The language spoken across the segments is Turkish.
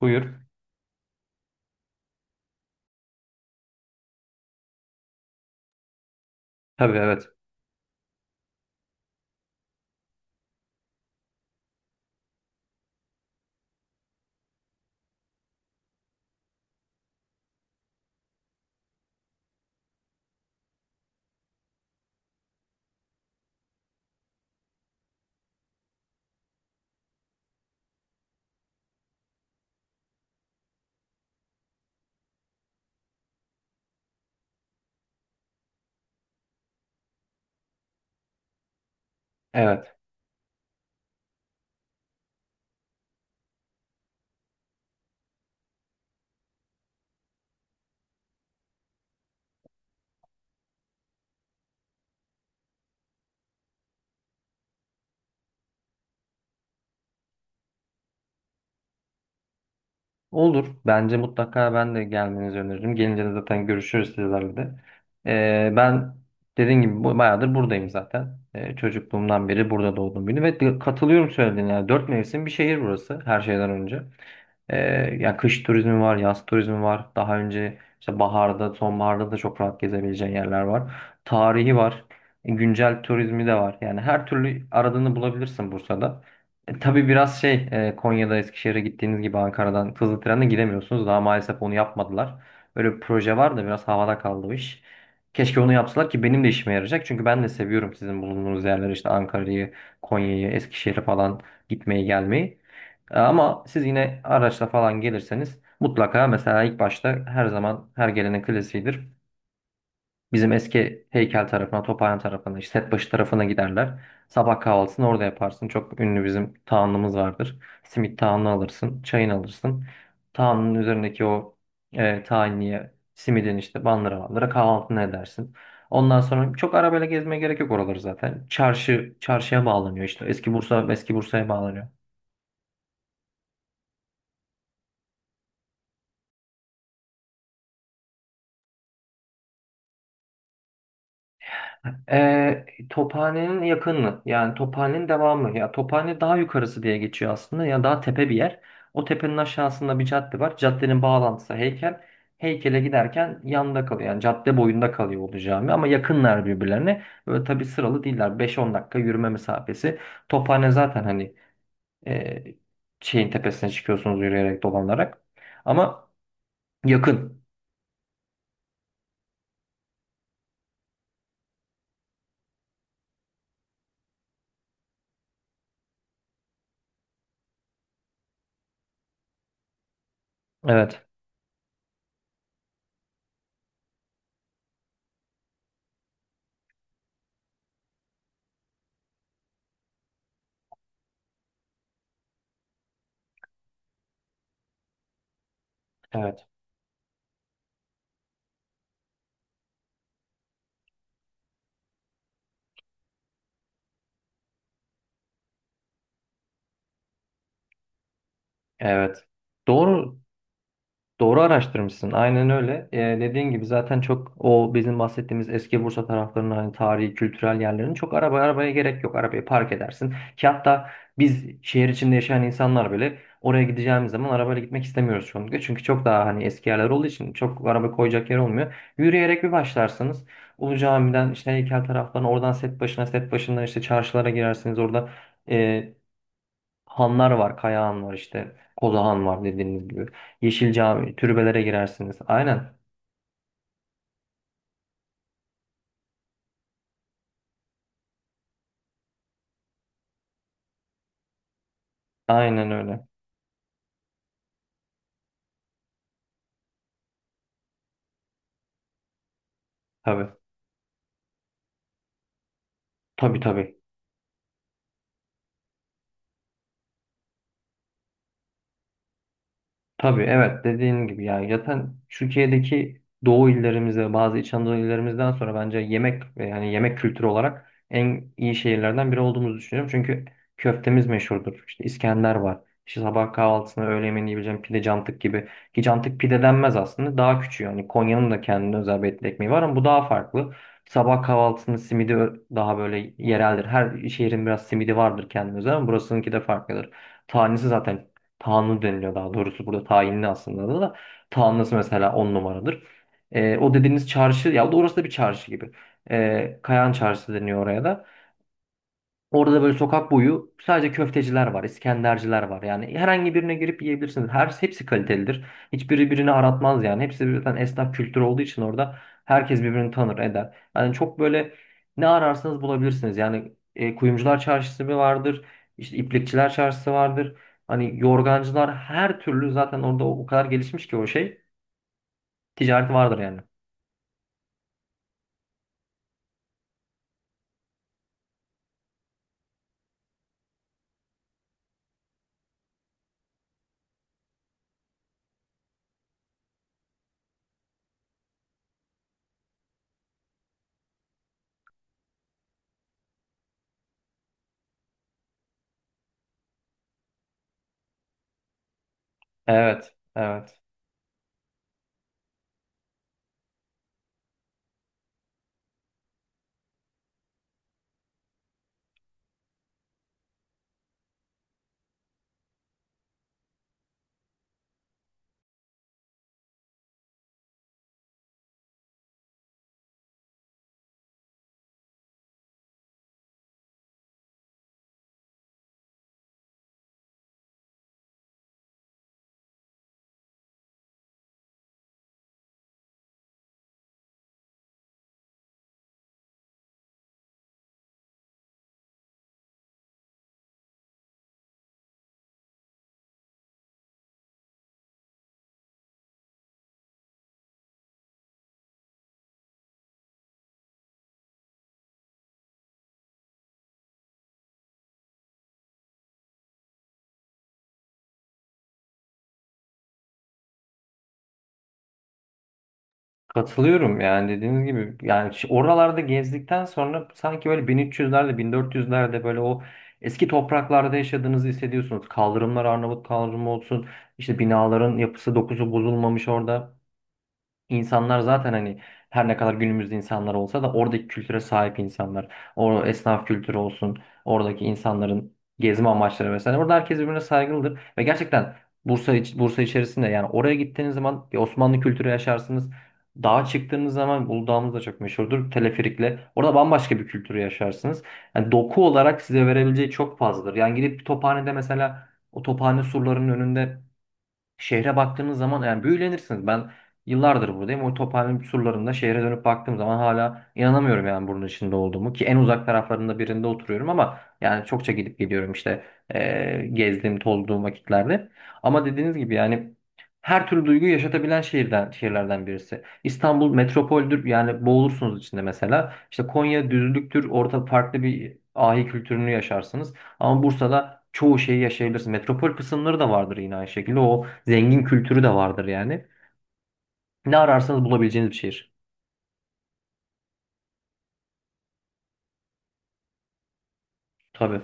Buyur. Tabii evet. Evet. Olur. Bence mutlaka ben de gelmenizi öneririm. Gelince de zaten görüşürüz sizlerle de. Ben dediğim gibi bayağıdır buradayım zaten. Çocukluğumdan beri burada doğdum büyüdüm. Ve katılıyorum söylediğine. Yani dört mevsim bir şehir burası her şeyden önce. Ya kış turizmi var, yaz turizmi var. Daha önce işte baharda, sonbaharda da çok rahat gezebileceğin yerler var. Tarihi var. Güncel turizmi de var. Yani her türlü aradığını bulabilirsin Bursa'da. Tabii biraz şey Konya'da Eskişehir'e gittiğiniz gibi Ankara'dan hızlı trenle gidemiyorsunuz. Daha maalesef onu yapmadılar. Öyle bir proje var da biraz havada kaldı o iş. Keşke onu yapsalar ki benim de işime yarayacak. Çünkü ben de seviyorum sizin bulunduğunuz yerleri işte Ankara'yı, Konya'yı, Eskişehir'i falan gitmeyi gelmeyi. Ama siz yine araçla falan gelirseniz mutlaka mesela ilk başta her zaman her gelenin klasiğidir. Bizim eski heykel tarafına, Tophane'nin tarafına, işte Setbaşı tarafına giderler. Sabah kahvaltısını orada yaparsın. Çok ünlü bizim tahanlımız vardır. Simit tahanını alırsın, çayını alırsın. Tahanının üzerindeki o tahinliye, simidin işte bandıra bandıra kahvaltını edersin. Ondan sonra çok arabayla gezmeye gerek yok oraları zaten. Çarşı, çarşıya bağlanıyor işte. Eski Bursa, eski Bursa'ya bağlanıyor. Tophane'nin yakını yani Tophane'nin devamı ya Tophane daha yukarısı diye geçiyor aslında ya daha tepe bir yer. O tepenin aşağısında bir cadde var. Caddenin bağlantısı heykel. Heykele giderken yanında kalıyor. Yani cadde boyunda kalıyor oldu cami ama yakınlar birbirlerine. Böyle tabii sıralı değiller. Beş on dakika yürüme mesafesi. Tophane zaten hani e, şeyin tepesine çıkıyorsunuz yürüyerek dolanarak. Ama yakın. Evet. Evet. Evet. Doğru Doğru araştırmışsın. Aynen öyle. Dediğin gibi zaten çok o bizim bahsettiğimiz eski Bursa taraflarının hani tarihi, kültürel yerlerin çok araba arabaya gerek yok. Arabayı park edersin. Ki hatta biz şehir içinde yaşayan insanlar bile oraya gideceğimiz zaman arabayla gitmek istemiyoruz çoğunlukla. Çünkü çok daha hani eski yerler olduğu için çok araba koyacak yer olmuyor. Yürüyerek bir başlarsınız. Ulu Cami'den işte heykel taraftan oradan set başına set başından işte çarşılara girersiniz. Orada Hanlar var, Kaya Han var işte. Koza Han var dediğiniz gibi. Yeşil Cami, türbelere girersiniz. Aynen. Aynen öyle. Tabii. Tabii tabii. Tabii evet dediğin gibi ya zaten Türkiye'deki Doğu illerimize bazı İç Anadolu illerimizden sonra bence yemek yani yemek kültürü olarak en iyi şehirlerden biri olduğumuzu düşünüyorum. Çünkü köftemiz meşhurdur. İşte İskender var. İşte sabah kahvaltısına öğle yemeğini yiyebileceğim pide cantık gibi. Ki cantık pide denmez aslında. Daha küçüğü. Yani Konya'nın da kendine özel etli ekmeği var ama bu daha farklı. Sabah kahvaltısının simidi daha böyle yereldir. Her şehrin biraz simidi vardır kendine özel ama burasınınki de farklıdır. Tanesi zaten Tanrı deniliyor daha doğrusu burada tayinli aslında da. Tanrısı mesela on numaradır. O dediğiniz çarşı ya orası da bir çarşı gibi. Kayan Çarşısı deniyor oraya da. Orada da böyle sokak boyu sadece köfteciler var, İskenderciler var. Yani herhangi birine girip yiyebilirsiniz. Her hepsi kalitelidir. Hiçbiri birini aratmaz yani. Hepsi birden esnaf kültürü olduğu için orada herkes birbirini tanır, eder. Yani çok böyle ne ararsanız bulabilirsiniz. Yani kuyumcular çarşısı bir vardır. İşte iplikçiler çarşısı vardır. Hani yorgancılar her türlü zaten orada o kadar gelişmiş ki o şey ticareti vardır yani. Evet, evet. Katılıyorum yani dediğiniz gibi yani oralarda gezdikten sonra sanki böyle 1300'lerde 1400'lerde böyle o eski topraklarda yaşadığınızı hissediyorsunuz. Kaldırımlar Arnavut kaldırımı olsun işte binaların yapısı dokusu bozulmamış orada. İnsanlar zaten hani her ne kadar günümüzde insanlar olsa da oradaki kültüre sahip insanlar. O esnaf kültürü olsun, oradaki insanların gezme amaçları vesaire. Orada herkes birbirine saygılıdır ve gerçekten Bursa içerisinde yani oraya gittiğiniz zaman bir Osmanlı kültürü yaşarsınız. Dağa çıktığınız zaman Uludağ'ımız da çok meşhurdur. Teleferikle. Orada bambaşka bir kültürü yaşarsınız. Yani doku olarak size verebileceği çok fazladır. Yani gidip bir tophanede mesela o tophane surlarının önünde şehre baktığınız zaman yani büyülenirsiniz. Ben yıllardır buradayım. O Tophane'nin surlarında şehre dönüp baktığım zaman hala inanamıyorum yani bunun içinde olduğumu. Ki en uzak taraflarında birinde oturuyorum ama yani çokça gidip geliyorum işte gezdiğim, tolduğum vakitlerde. Ama dediğiniz gibi yani her türlü duyguyu yaşatabilen şehirden, şehirlerden birisi. İstanbul metropoldür yani boğulursunuz içinde mesela. İşte Konya düzlüktür orada farklı bir ahi kültürünü yaşarsınız. Ama Bursa'da çoğu şeyi yaşayabilirsin. Metropol kısımları da vardır yine aynı şekilde. O zengin kültürü de vardır yani. Ne ararsanız bulabileceğiniz bir şehir. Tabii.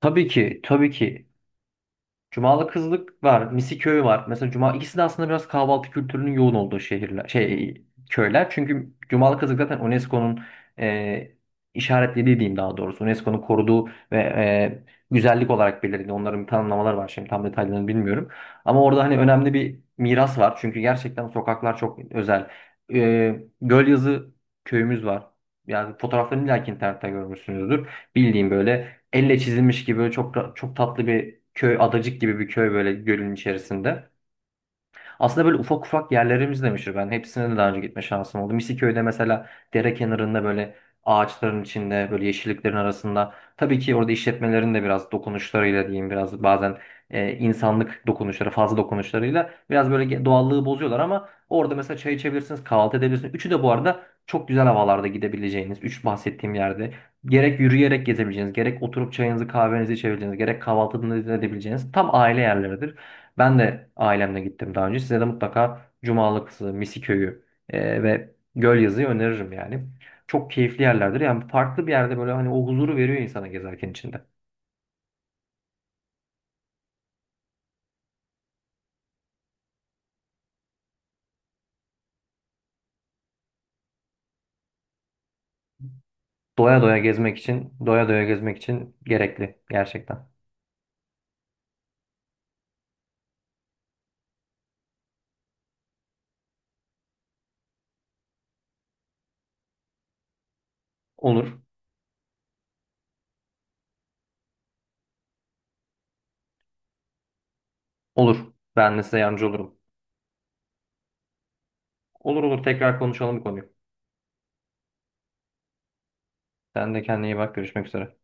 Tabii ki, tabii ki Cumalı Kızlık var, Misiköy var. Mesela Cuma ikisi de aslında biraz kahvaltı kültürünün yoğun olduğu şehirler, şey köyler. Çünkü Cumalı Kızlık zaten UNESCO'nun e, işaretlediği diyeyim daha doğrusu. UNESCO'nun koruduğu ve güzellik olarak belirlediği onların bir tanımlamaları var. Şimdi tam detaylarını bilmiyorum. Ama orada hani önemli bir miras var. Çünkü gerçekten sokaklar çok özel. Gölyazı köyümüz var. Yani fotoğraflarını illa internette görmüşsünüzdür. Bildiğim böyle elle çizilmiş gibi böyle çok çok tatlı bir köy, adacık gibi bir köy böyle gölün içerisinde. Aslında böyle ufak ufak yerlerimiz de meşhur. Ben hepsine de daha önce gitme şansım oldu. Misiköy'de mesela dere kenarında böyle ağaçların içinde böyle yeşilliklerin arasında. Tabii ki orada işletmelerin de biraz dokunuşlarıyla diyeyim biraz bazen insanlık dokunuşları fazla dokunuşlarıyla biraz böyle doğallığı bozuyorlar ama orada mesela çay içebilirsiniz kahvaltı edebilirsiniz. Üçü de bu arada çok güzel havalarda gidebileceğiniz üç bahsettiğim yerde. Gerek yürüyerek gezebileceğiniz, gerek oturup çayınızı kahvenizi içebileceğiniz, gerek kahvaltı edebileceğiniz tam aile yerleridir. Ben de ailemle gittim daha önce. Size de mutlaka Cumalıksı, Misiköy'ü ve Gölyazı'yı öneririm yani. Çok keyifli yerlerdir. Yani farklı bir yerde böyle hani o huzuru veriyor insana gezerken içinde. Doya doya gezmek için gerekli gerçekten. Olur, olur. Ben de size yardımcı olurum. Olur olur tekrar konuşalım bu konuyu. Sen de kendine iyi bak. Görüşmek üzere.